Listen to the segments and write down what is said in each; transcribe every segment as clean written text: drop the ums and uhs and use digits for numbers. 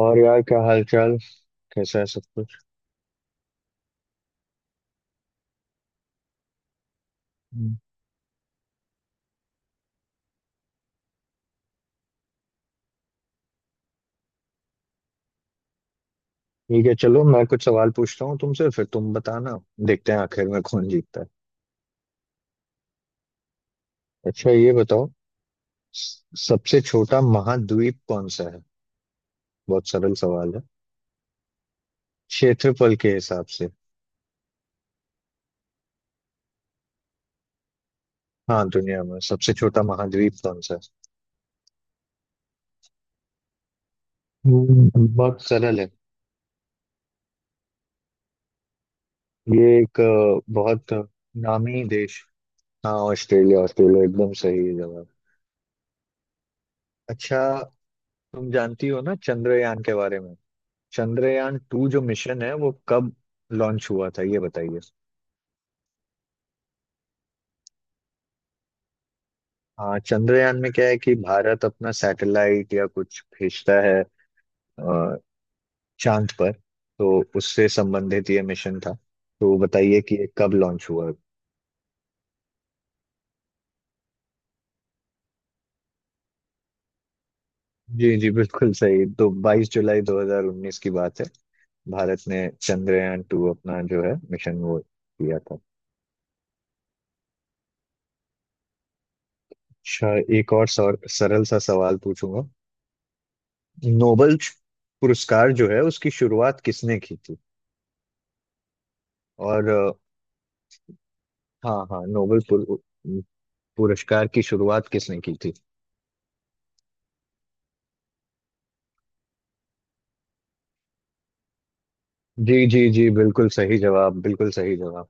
और यार, क्या हाल चाल? कैसा है सब कुछ? हम्म। ठीक है, चलो मैं कुछ सवाल पूछता हूँ तुमसे, फिर तुम बताना। देखते हैं आखिर में कौन जीतता है। अच्छा, ये बताओ। सबसे छोटा महाद्वीप कौन सा है? बहुत सरल सवाल है। क्षेत्रफल के हिसाब से। हाँ, दुनिया में सबसे छोटा महाद्वीप कौन सा है? बहुत सरल है। ये एक बहुत नामी देश। हाँ, ऑस्ट्रेलिया, ऑस्ट्रेलिया, एकदम सही जवाब। अच्छा। तुम जानती हो ना चंद्रयान के बारे में? चंद्रयान टू जो मिशन है वो कब लॉन्च हुआ था, ये बताइए। हाँ, चंद्रयान में क्या है कि भारत अपना सैटेलाइट या कुछ भेजता है अ, चांद पर। तो उससे संबंधित ये मिशन था। तो बताइए कि ये कब लॉन्च हुआ। जी जी, बिल्कुल सही। तो 22 जुलाई 2019 की बात है। भारत ने चंद्रयान टू अपना जो है मिशन वो किया था। अच्छा। एक और सरल सा सवाल पूछूंगा। नोबल पुरस्कार जो है उसकी शुरुआत किसने की थी? और, हाँ हाँ, नोबेल पुरस्कार की शुरुआत किसने की थी? जी जी जी, बिल्कुल सही जवाब, बिल्कुल सही जवाब।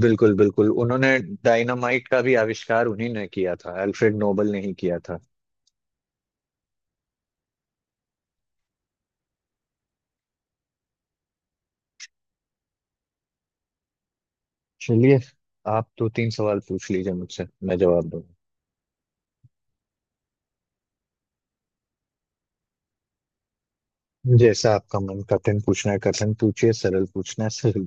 बिल्कुल बिल्कुल, उन्होंने डायनामाइट का भी आविष्कार उन्हीं ने किया था, अल्फ्रेड नोबेल ने ही किया था। चलिए, आप दो तीन सवाल पूछ लीजिए मुझसे, मैं जवाब दूंगा। जैसा आपका मन, कठिन पूछना है कठिन पूछिए, सरल पूछना है सरल।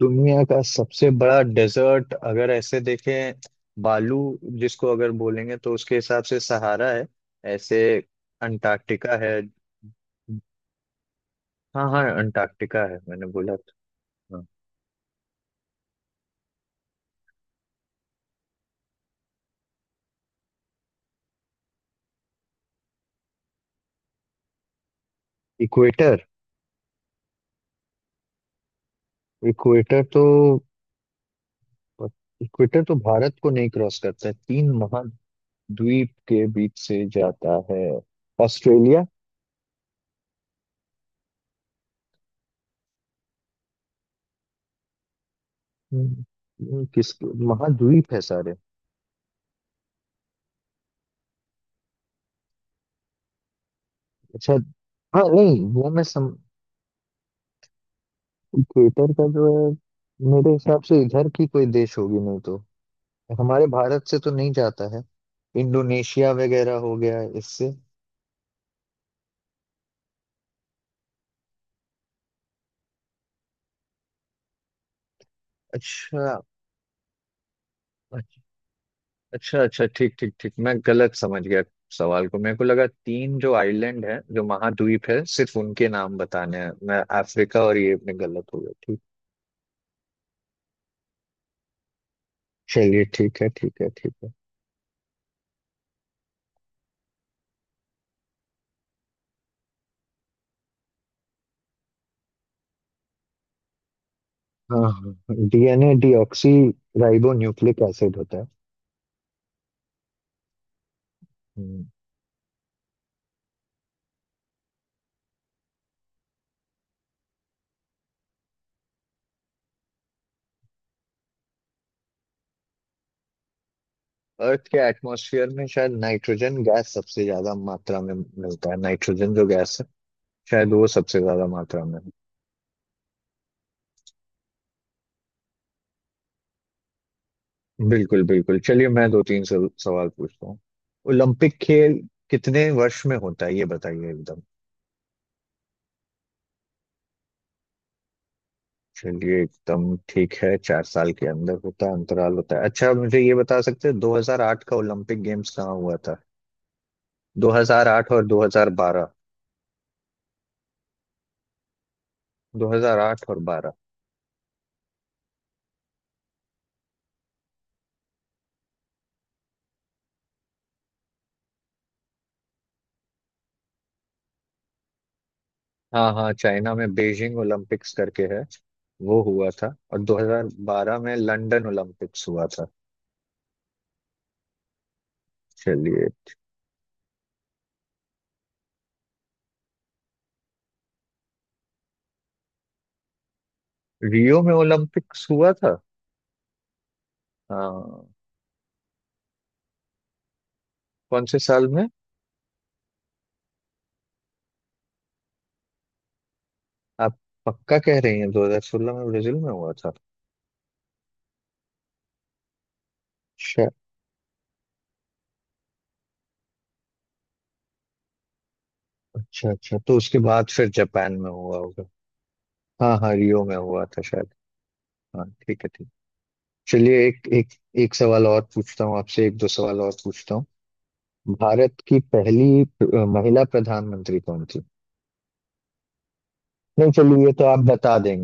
दुनिया का सबसे बड़ा डेजर्ट अगर ऐसे देखें, बालू जिसको अगर बोलेंगे तो उसके हिसाब से सहारा है। ऐसे अंटार्कटिका है। हाँ हाँ, अंटार्कटिका है, मैंने बोला था। हाँ। इक्वेटर, इक्वेटर तो, इक्वेटर तो भारत को नहीं क्रॉस करता है। तीन महाद्वीप के बीच से जाता है। ऑस्ट्रेलिया। हम्म, किस महाद्वीप है सारे? अच्छा। हाँ, नहीं, वो मैं सम थिएटर का जो है, मेरे हिसाब से इधर की कोई देश होगी, नहीं तो हमारे भारत से तो नहीं जाता है। इंडोनेशिया वगैरह हो गया इससे। अच्छा अच्छा। अच्छा अच्छा, ठीक ठीक ठीक, मैं गलत समझ गया सवाल को। मेरे को लगा तीन जो आइलैंड है, जो महाद्वीप है, सिर्फ उनके नाम बताने हैं। मैं अफ्रीका और ये में गलत हो गया। ठीक। चलिए, ठीक है, ठीक है, ठीक है। हाँ हाँ, DNA deoxyribonucleic acid होता है। अर्थ के एटमॉस्फेयर में शायद नाइट्रोजन गैस सबसे ज्यादा मात्रा में मिलता है। नाइट्रोजन जो गैस है, शायद वो सबसे ज्यादा मात्रा में है। बिल्कुल बिल्कुल, चलिए मैं दो तीन सवाल पूछता हूँ। ओलंपिक खेल कितने वर्ष में होता है, ये बताइए एकदम। चलिए, एकदम ठीक है, 4 साल के अंदर होता है, अंतराल होता है। अच्छा, मुझे ये बता सकते हैं, 2008 का ओलंपिक गेम्स कहाँ हुआ था? 2008 और 2012, 2008 और 12। हाँ हाँ, चाइना में बीजिंग ओलंपिक्स करके है, वो हुआ था। और 2012 में लंदन ओलंपिक्स हुआ था। चलिए। रियो में ओलंपिक्स हुआ था? हाँ। कौन से साल में? आप पक्का कह रही हैं 2016 में ब्राजील में हुआ था? अच्छा। अच्छा अच्छा, तो उसके बाद फिर जापान में हुआ होगा। हाँ हाँ, रियो में हुआ था शायद। हाँ, ठीक है, ठीक। चलिए, एक एक, एक सवाल और पूछता हूँ आपसे, एक दो सवाल और पूछता हूँ। भारत की पहली महिला प्रधानमंत्री कौन थी? नहीं, चलिए, ये तो आप बता दें।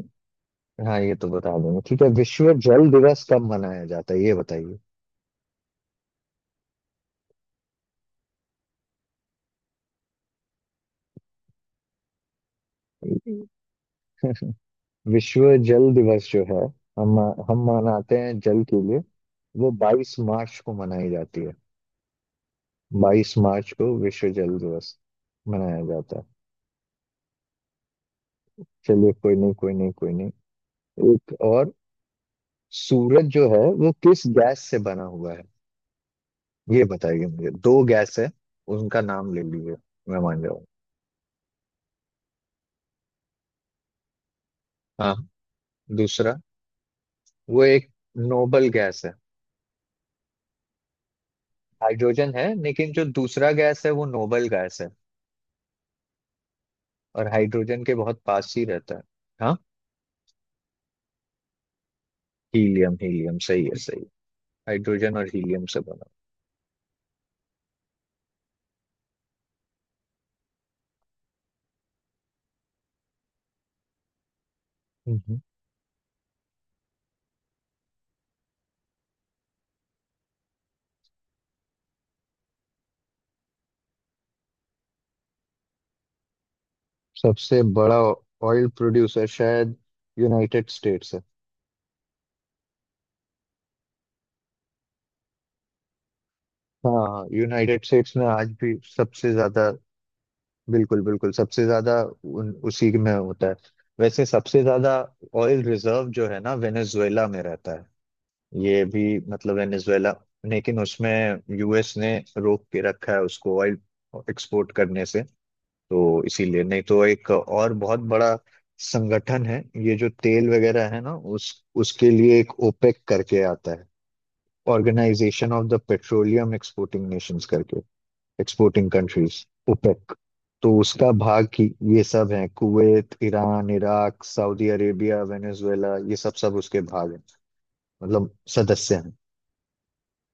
हाँ, ये तो बता देंगे। ठीक है, विश्व जल दिवस कब मनाया जाता है, ये बताइए। विश्व जल दिवस जो है, हम हम मनाते हैं जल के लिए, वो 22 मार्च को मनाई जाती है। 22 मार्च को विश्व जल दिवस मनाया जाता है। चलिए, कोई नहीं, कोई नहीं, कोई नहीं। एक और, सूरज जो है वो किस गैस से बना हुआ है, ये बताइए मुझे। दो गैस है, उनका नाम ले लीजिए, मैं मान जाऊँ। हाँ। दूसरा? वो एक नोबल गैस है। हाइड्रोजन है, लेकिन जो दूसरा गैस है वो नोबल गैस है, और हाइड्रोजन के बहुत पास ही रहता है। हाँ, हीलियम। हीलियम सही है, सही है। हाइड्रोजन और हीलियम से बना। हम्म। सबसे बड़ा ऑयल प्रोड्यूसर शायद यूनाइटेड स्टेट्स है। हाँ, यूनाइटेड स्टेट्स में आज भी सबसे ज्यादा। बिल्कुल बिल्कुल, सबसे ज्यादा उसी में होता है। वैसे सबसे ज्यादा ऑयल रिजर्व जो है ना, वेनेजुएला में रहता है। ये भी, मतलब वेनेजुएला। लेकिन उसमें यूएस ने रोक के रखा है उसको ऑयल एक्सपोर्ट करने से। तो इसीलिए, नहीं तो एक और बहुत बड़ा संगठन है। ये जो तेल वगैरह है ना, उस उसके लिए एक ओपेक करके आता है। Organisation of the petroleum exporting nations करके, एक्सपोर्टिंग कंट्रीज, ओपेक। तो उसका भाग की ये सब है, Kuwait, Iran, Iraq, Saudi Arabia, Venezuela, ये सब सब उसके भाग हैं, मतलब सदस्य हैं।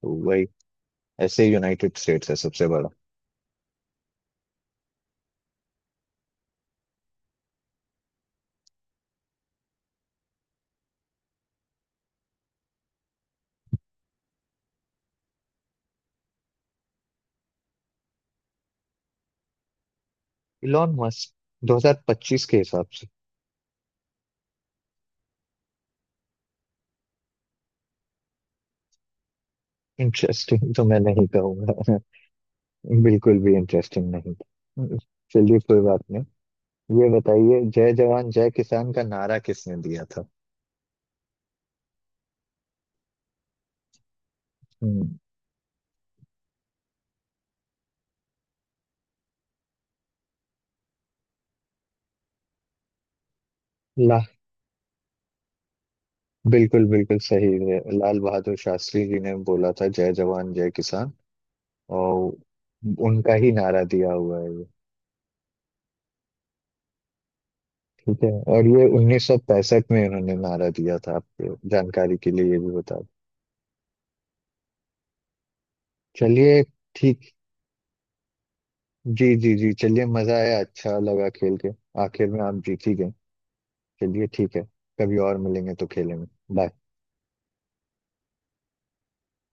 तो वही, ऐसे यूनाइटेड स्टेट्स है सबसे बड़ा। इलॉन मस्क, 2025 के हिसाब से। इंटरेस्टिंग तो मैं नहीं कहूंगा। बिल्कुल भी इंटरेस्टिंग नहीं था। चलिए, कोई बात नहीं। ये बताइए, जय जवान जय किसान का नारा किसने दिया था? हम्म, ला बिल्कुल बिल्कुल सही है, लाल बहादुर शास्त्री जी ने बोला था जय जवान जय किसान, और उनका ही नारा दिया हुआ है ये। ठीक है। और ये 1965 में उन्होंने नारा दिया था, आपको जानकारी के लिए ये भी बता दूं। चलिए। ठीक। जी जी जी, चलिए, मजा आया, अच्छा लगा खेल के। आखिर में आप जीत ही गए। चलिए, ठीक है। कभी और मिलेंगे तो खेलेंगे। बाय।